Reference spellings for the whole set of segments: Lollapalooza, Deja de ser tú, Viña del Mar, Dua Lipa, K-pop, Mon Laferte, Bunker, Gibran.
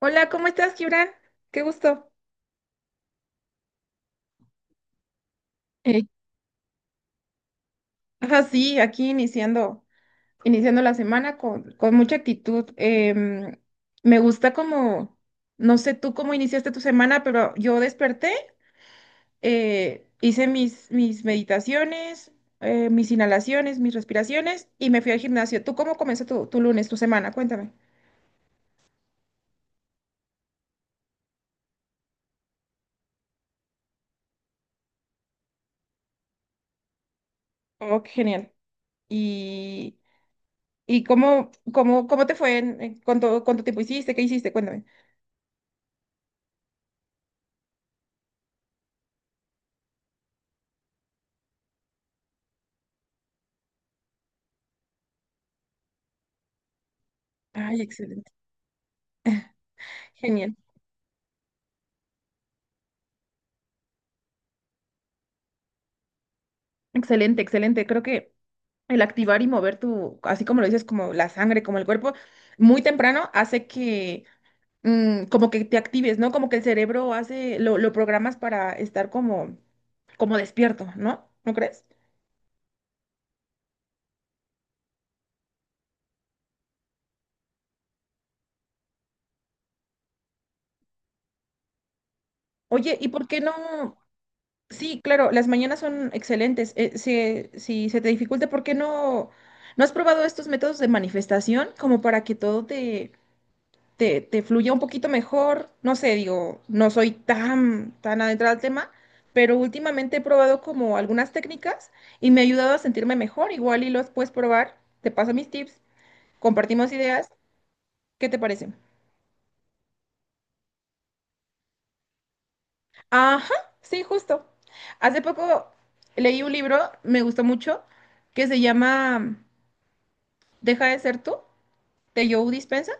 Hola, ¿cómo estás, Gibran? Qué gusto. Eh, Ajá, sí, aquí iniciando, iniciando la semana con mucha actitud. Me gusta como, no sé tú cómo iniciaste tu semana, pero yo desperté, hice mis meditaciones, mis inhalaciones, mis respiraciones y me fui al gimnasio. ¿Tú cómo comenzó tu, tu lunes, tu semana? Cuéntame. Oh, qué genial. ¿Y, y cómo, cómo, ¿cómo te fue? ¿Cuánto, cuánto tiempo hiciste? ¿Qué hiciste? Cuéntame. Ay, excelente. Genial. Excelente, excelente. Creo que el activar y mover tu, así como lo dices, como la sangre, como el cuerpo, muy temprano hace que como que te actives, ¿no? Como que el cerebro hace, lo programas para estar como, como despierto, ¿no? ¿No crees? Oye, ¿y por qué no? Sí, claro, las mañanas son excelentes. Si se te dificulta, ¿por qué no? ¿No has probado estos métodos de manifestación como para que todo te te fluya un poquito mejor? No sé, digo, no soy tan, tan adentrada al tema, pero últimamente he probado como algunas técnicas y me ha ayudado a sentirme mejor. Igual y los puedes probar. Te paso mis tips, compartimos ideas. ¿Qué te parecen? Ajá, sí, justo. Hace poco leí un libro, me gustó mucho, que se llama Deja de ser tú, de Joe Dispensa.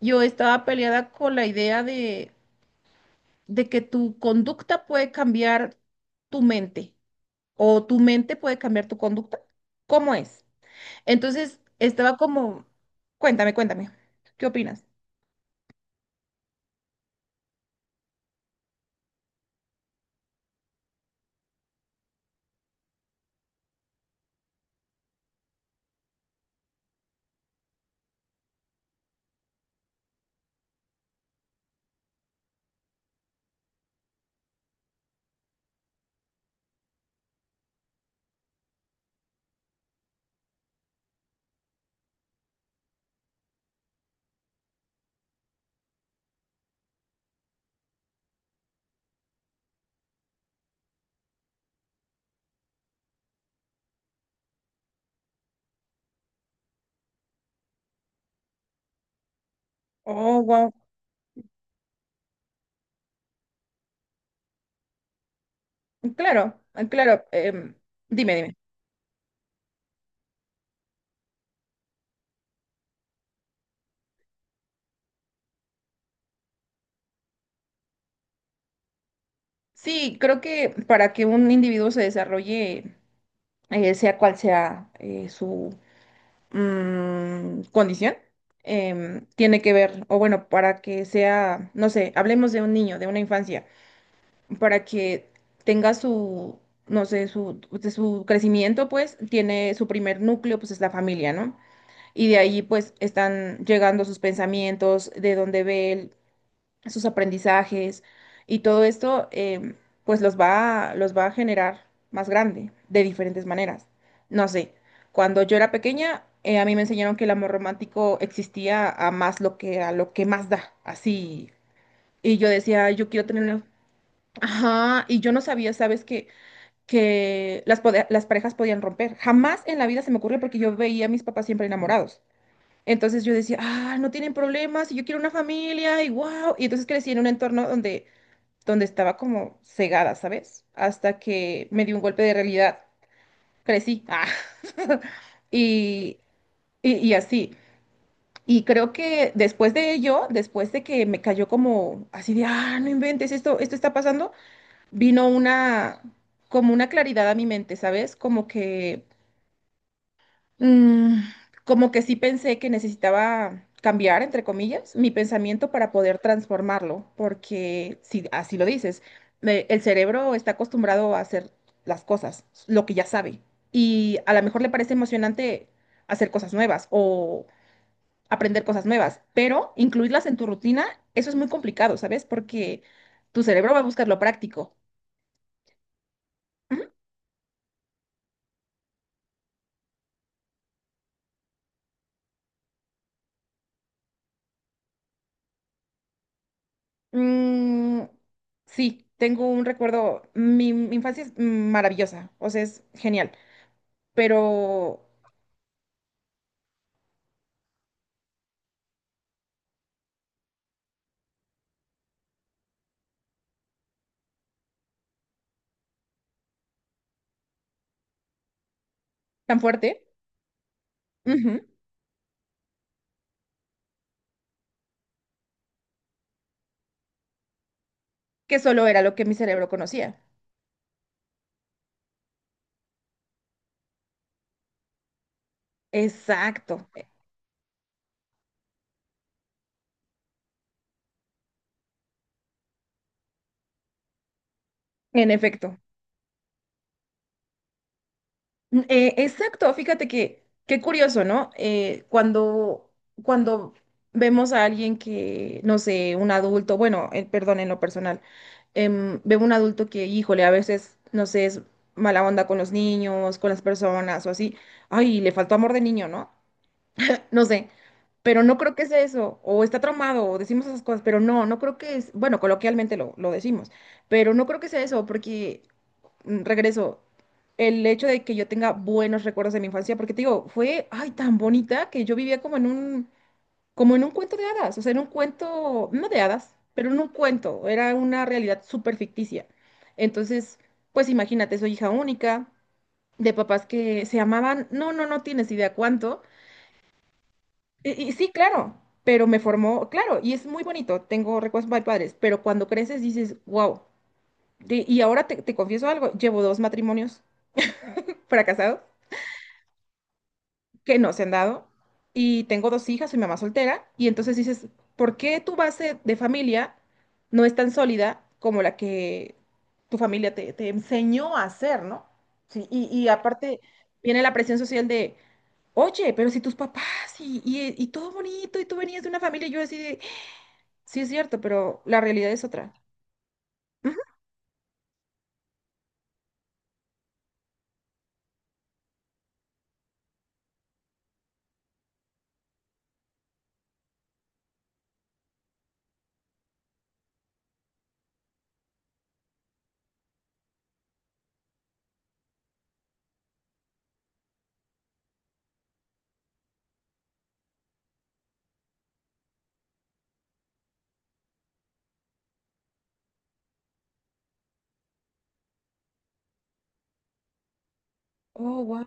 Yo estaba peleada con la idea de que tu conducta puede cambiar tu mente, o tu mente puede cambiar tu conducta. ¿Cómo es? Entonces, estaba como, cuéntame, cuéntame, ¿qué opinas? Oh, wow. Claro, claro. Dime, dime. Sí, creo que para que un individuo se desarrolle, sea cual sea su condición, tiene que ver, o bueno, para que sea, no sé, hablemos de un niño, de una infancia, para que tenga su, no sé, su, de su crecimiento, pues tiene su primer núcleo, pues es la familia, ¿no? Y de ahí pues están llegando sus pensamientos, de dónde ve él, sus aprendizajes y todo esto pues los va, los va a generar más grande de diferentes maneras. No sé, cuando yo era pequeña, a mí me enseñaron que el amor romántico existía a más lo que a lo que más da, así. Y yo decía, yo quiero tener. Ajá, y yo no sabía, ¿sabes? Que las, las parejas podían romper. Jamás en la vida se me ocurrió porque yo veía a mis papás siempre enamorados. Entonces yo decía, ah, no tienen problemas, y yo quiero una familia, y wow. Y entonces crecí en un entorno donde, donde estaba como cegada, ¿sabes? Hasta que me dio un golpe de realidad. Crecí. Ah. Y, y así. Y creo que después de ello, después de que me cayó como así de, ah, no inventes, esto está pasando, vino una, como una claridad a mi mente, ¿sabes? Como que, mm, como que sí pensé que necesitaba cambiar, entre comillas, mi pensamiento para poder transformarlo, porque si así lo dices, el cerebro está acostumbrado a hacer las cosas, lo que ya sabe, y a lo mejor le parece emocionante hacer cosas nuevas o aprender cosas nuevas, pero incluirlas en tu rutina, eso es muy complicado, ¿sabes? Porque tu cerebro va a buscar lo práctico. Mm, sí, tengo un recuerdo. Mi infancia es maravillosa, o sea, es genial, pero tan fuerte, ujú, que solo era lo que mi cerebro conocía. Exacto, en efecto. Exacto, fíjate que qué curioso, ¿no? Cuando, cuando vemos a alguien que, no sé, un adulto, bueno, perdón, en lo personal, veo un adulto que, híjole, a veces, no sé, es mala onda con los niños, con las personas o así, ay, le faltó amor de niño, ¿no? No sé, pero no creo que sea eso, o está traumado, o decimos esas cosas, pero no, no creo que es, bueno, coloquialmente lo decimos, pero no creo que sea eso, porque regreso, el hecho de que yo tenga buenos recuerdos de mi infancia, porque te digo, fue, ay, tan bonita que yo vivía como en un cuento de hadas, o sea, en un cuento, no de hadas, pero en un cuento, era una realidad súper ficticia. Entonces, pues imagínate, soy hija única, de papás que se amaban, no, no, no tienes idea cuánto. Y sí, claro, pero me formó, claro, y es muy bonito, tengo recuerdos muy padres, pero cuando creces dices, wow. Y ahora te confieso algo, llevo dos matrimonios fracasados que no se han dado. Y tengo dos hijas, soy mamá soltera. Y entonces dices, ¿por qué tu base de familia no es tan sólida como la que tu familia te, te enseñó a hacer, ¿no? Sí, y aparte viene la presión social de, oye, pero si tus papás y todo bonito y tú venías de una familia, y yo así de, sí es cierto, pero la realidad es otra. Ujú. Oh, wow.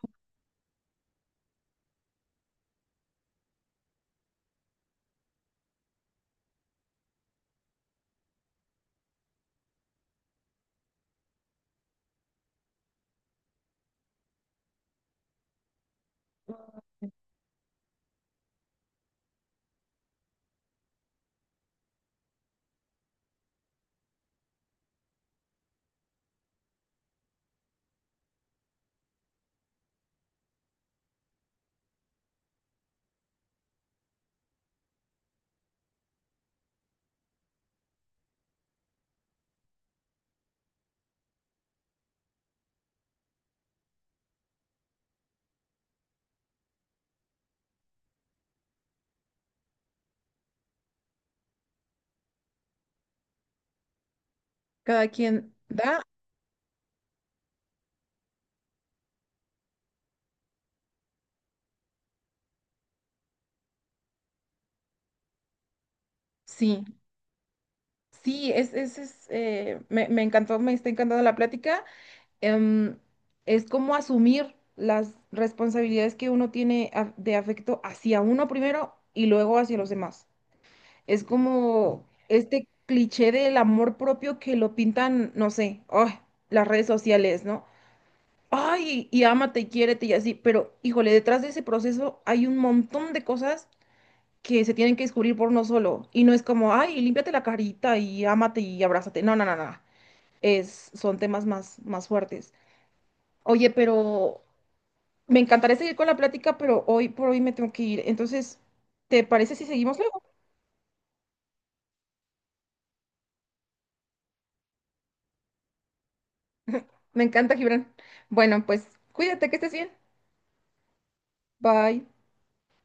Cada quien da, sí. Sí, es, me, me encantó, me está encantando la plática. em, es como asumir las responsabilidades que uno tiene de afecto hacia uno primero y luego hacia los demás. Es como este cliché del amor propio que lo pintan, no sé, ay, las redes sociales, ¿no? Ay, y ámate y quiérete y así, pero híjole, detrás de ese proceso hay un montón de cosas que se tienen que descubrir por uno solo. Y no es como, ay, límpiate la carita y ámate y abrázate. No, no, no, no. Es, son temas más, más fuertes. Oye, pero me encantaría seguir con la plática, pero hoy por hoy me tengo que ir. Entonces, ¿te parece si seguimos luego? Me encanta, Gibran. Bueno, pues cuídate, que estés bien. Bye.